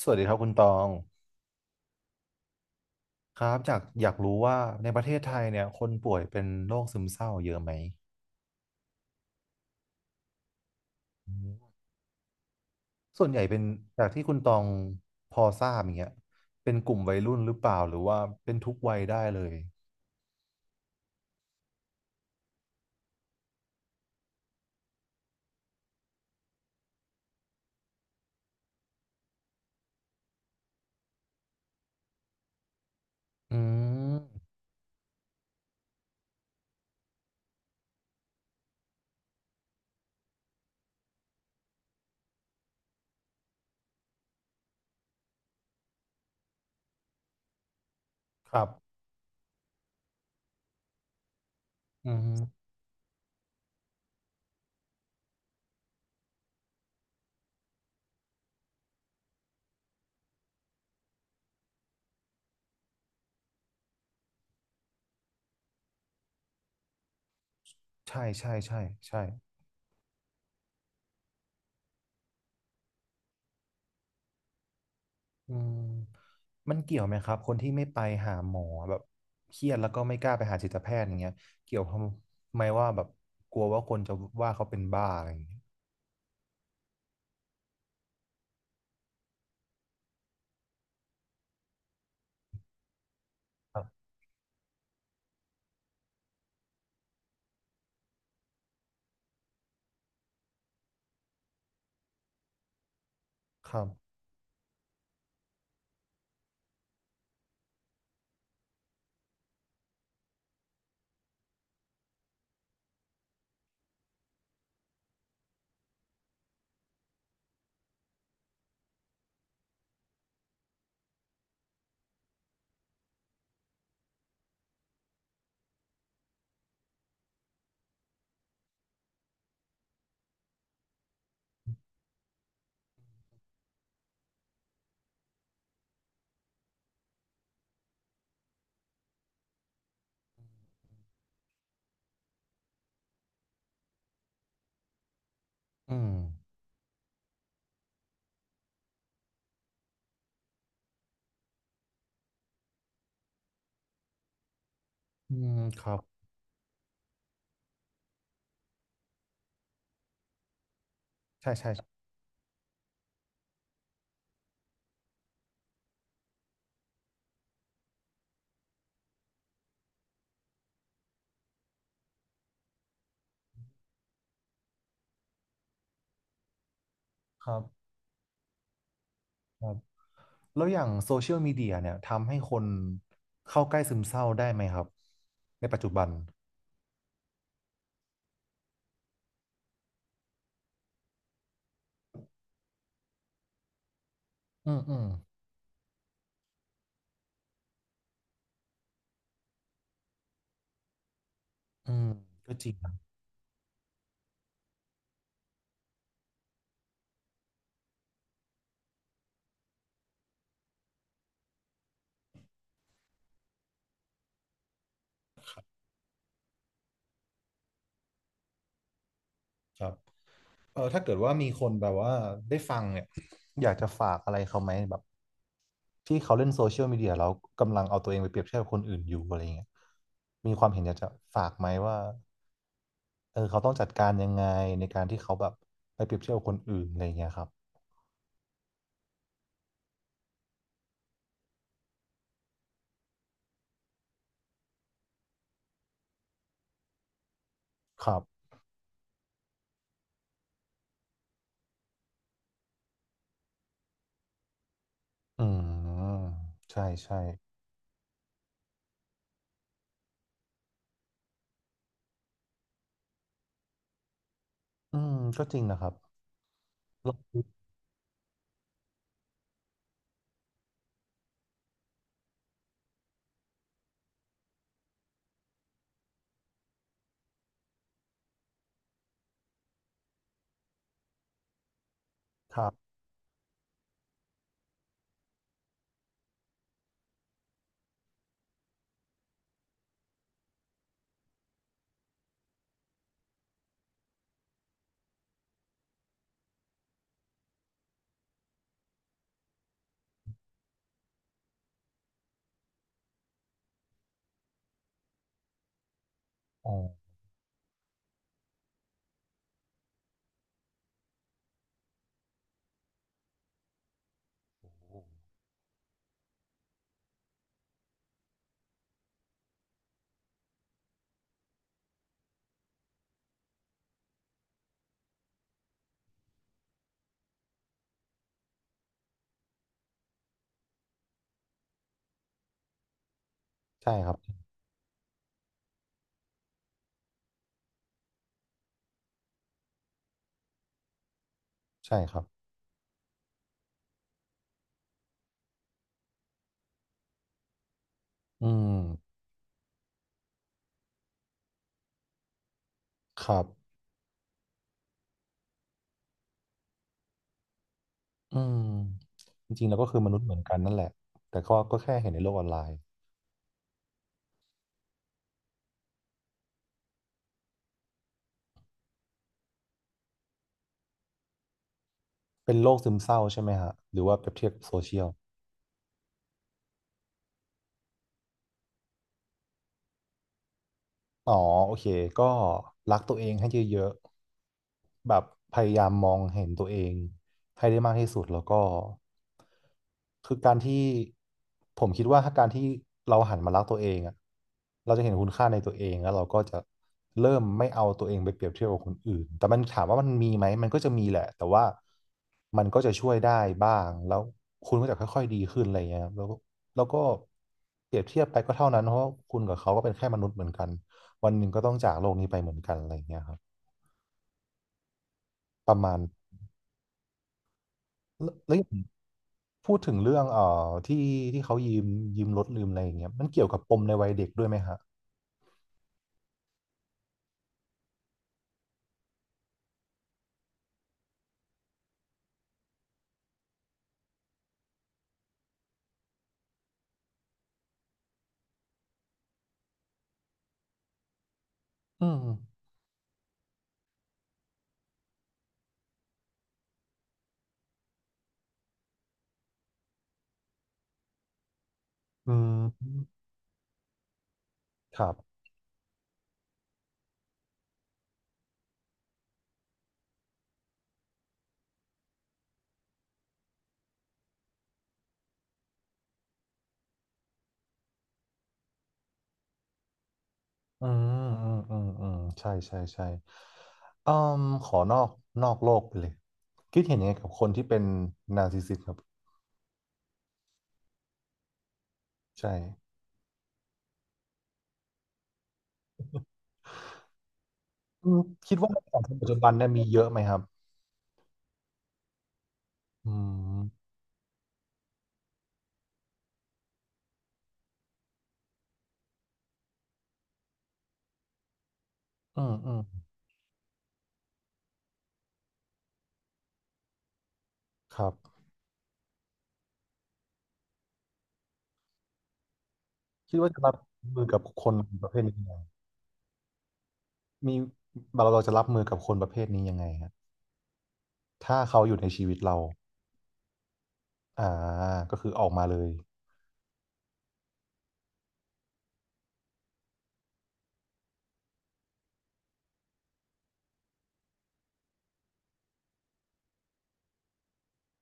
สวัสดีครับคุณตองครับจากอยากรู้ว่าในประเทศไทยเนี่ยคนป่วยเป็นโรคซึมเศร้าเยอะไหมอืมส่วนใหญ่เป็นจากที่คุณตองพอทราบอย่างเงี้ยเป็นกลุ่มวัยรุ่นหรือเปล่าหรือว่าเป็นทุกวัยได้เลยอืมครับอืมใช่ใช่ใช่ใช่อืมมันเกี่ยวไหมครับคนที่ไม่ไปหาหมอแบบเครียดแล้วก็ไม่กล้าไปหาจิตแพทย์อย่างเงี้ยเกี่ยวทำไมว่าแบบกลัวว่าคนจะว่าเขาเป็นบ้าอะไรอย่างเงี้ยครับครับอืม อืมครับใช่ใช่ครับครับแล้วอย่างโซเชียลมีเดียเนี่ยทำให้คนเข้าใกล้ซึมเศร้าได้ไหมครับในปัจจุบันอืมอืมอืมก็จริงนะครับเออถ้าเกิดว่ามีคนแบบว่าได้ฟังเนี่ยอยากจะฝากอะไรเขาไหมแบบที่เขาเล่นโซเชียลมีเดียแล้วกำลังเอาตัวเองไปเปรียบเทียบกับคนอื่นอยู่อะไรเงี้ยมีความเห็นอยากจะฝากไหมว่าเออเขาต้องจัดการยังไงในการที่เขาแบบไปเปรียบเทียบกับคนอื่นอะไรเงี้ยครับครับอืมใช่ใช่ อืมก็จริงนะครับลองดูครับอ๋อใช่ครับใช่ครับอืมครับอืมจริงๆแล้วก็คือมนุษย์เหมือนกันนั่นแหละแต่ก็ก็แค่เห็นในโลกออนไลน์เป็นโรคซึมเศร้าใช่ไหมฮะหรือว่าเปรียบเทียบกับโซเชียล อ๋อโอเคก็รักตัวเองให้เยอะๆแบบพยายามมองเห็นตัวเองให้ได้มากที่สุดแล้วก็คือการที่ผมคิดว่าถ้าการที่เราหันมารักตัวเองอะเราจะเห็นคุณค่าในตัวเองแล้วเราก็จะเริ่มไม่เอาตัวเองไปเปรียบเทียบกับคนอื่นแต่มันถามว่ามันมีไหมมันก็จะมีแหละแต่ว่ามันก็จะช่วยได้บ้างแล้วคุณก็จะค่อยๆดีขึ้นอะไรเงี้ยครับแล้วก็แล้วก็เปรียบเทียบไปก็เท่านั้นเพราะว่าคุณกับเขาก็เป็นแค่มนุษย์เหมือนกัน วันหนึ่งก็ต้องจากโลกนี้ไปเหมือนกันอะไรเงี้ยครับประมาณแล้วแล้วอย่างพูดถึงเรื่องที่ที่เขายืมยืมรถลืมอะไรอย่างเงี้ยมันเกี่ยวกับปมในวัยเด็กด้วยไหมฮะอืมอืมครับอืมอืมอืมอืมใช่ใช่ใช่อืมขอนอกนอกโลกไปเลยคิดเห็นยังไงกับคนที่เป็นนาร์ซิสซิสต์ครับใช่อืมคิดว่าในสังคมปัจจุบันเนี่ยมีเยอะไหมครับอืมอืมอืมครับคิดว่าจะรับมือกับคนประเภทนี้ยังไง มีเราเราจะรับมือกับคนประเภทนี้ยังไงฮะถ้าเขาอยู่ในชีวิตเราอ่าก็คือออกมาเลย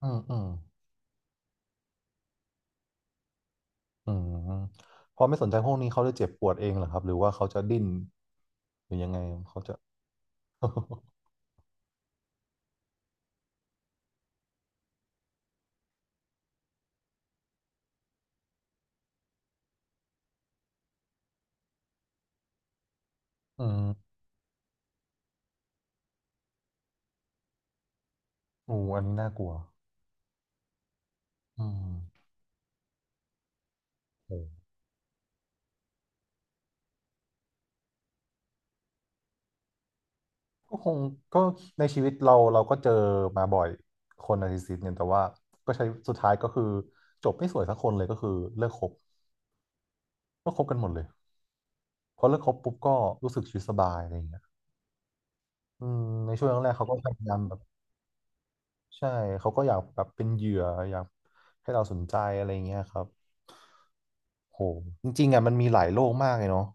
อืมอืมอืมพอไม่สนใจพวกนี้เขาจะเจ็บปวดเองเหรอครับหรือว่าเขาจะดิ้นหรือยังไงเขาจะ อืมโอ้อันนี้น่ากลัวอืมโอ้ก็คงก็ในชีวิตเราเราก็เจอมาบ่อยคนนาร์ซิสซิสต์เนี่ยแต่ว่าก็ใช้สุดท้ายก็คือจบไม่สวยสักคนเลยก็คือเลิกคบก็คบกันหมดเลยพอเลิกคบปุ๊บก็รู้สึกชีวิตสบายอะไรอย่างเงี้ย อืมในช่วงแรกๆเขาก็พยายามแบบใช่เขาก็อยากแบบเป็นเหยื่ออยากให้เราสนใจอะไรเงี้ยครับโหจริงๆอ่ะมันมีหลายโลกมากเลยเนาะ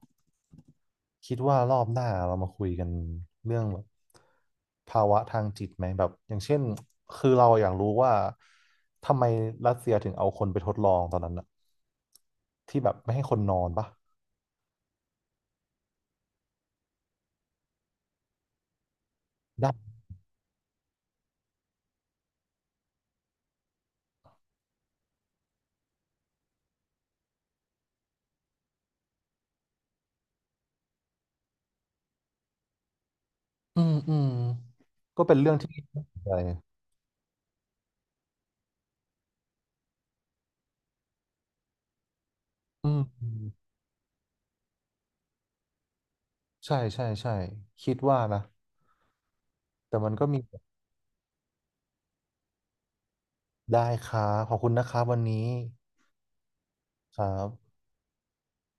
คิดว่ารอบหน้าเรามาคุยกันเรื่องแบบภาวะทางจิตไหมแบบอย่างเช่นคือเราอยากรู้ว่าทำไมรัสเซียถึงเอาคนไปทดลองตอนนั้นอะที่แบบไม่ให้คนนอนปะได้อืมอืมก็เป็นเรื่องที่ น่าสนใจอืมอืมใช่ใช่ใช่คิดว่านะแต่มันก็มี ได้ครับขอบคุณนะครับวันนี้ครับ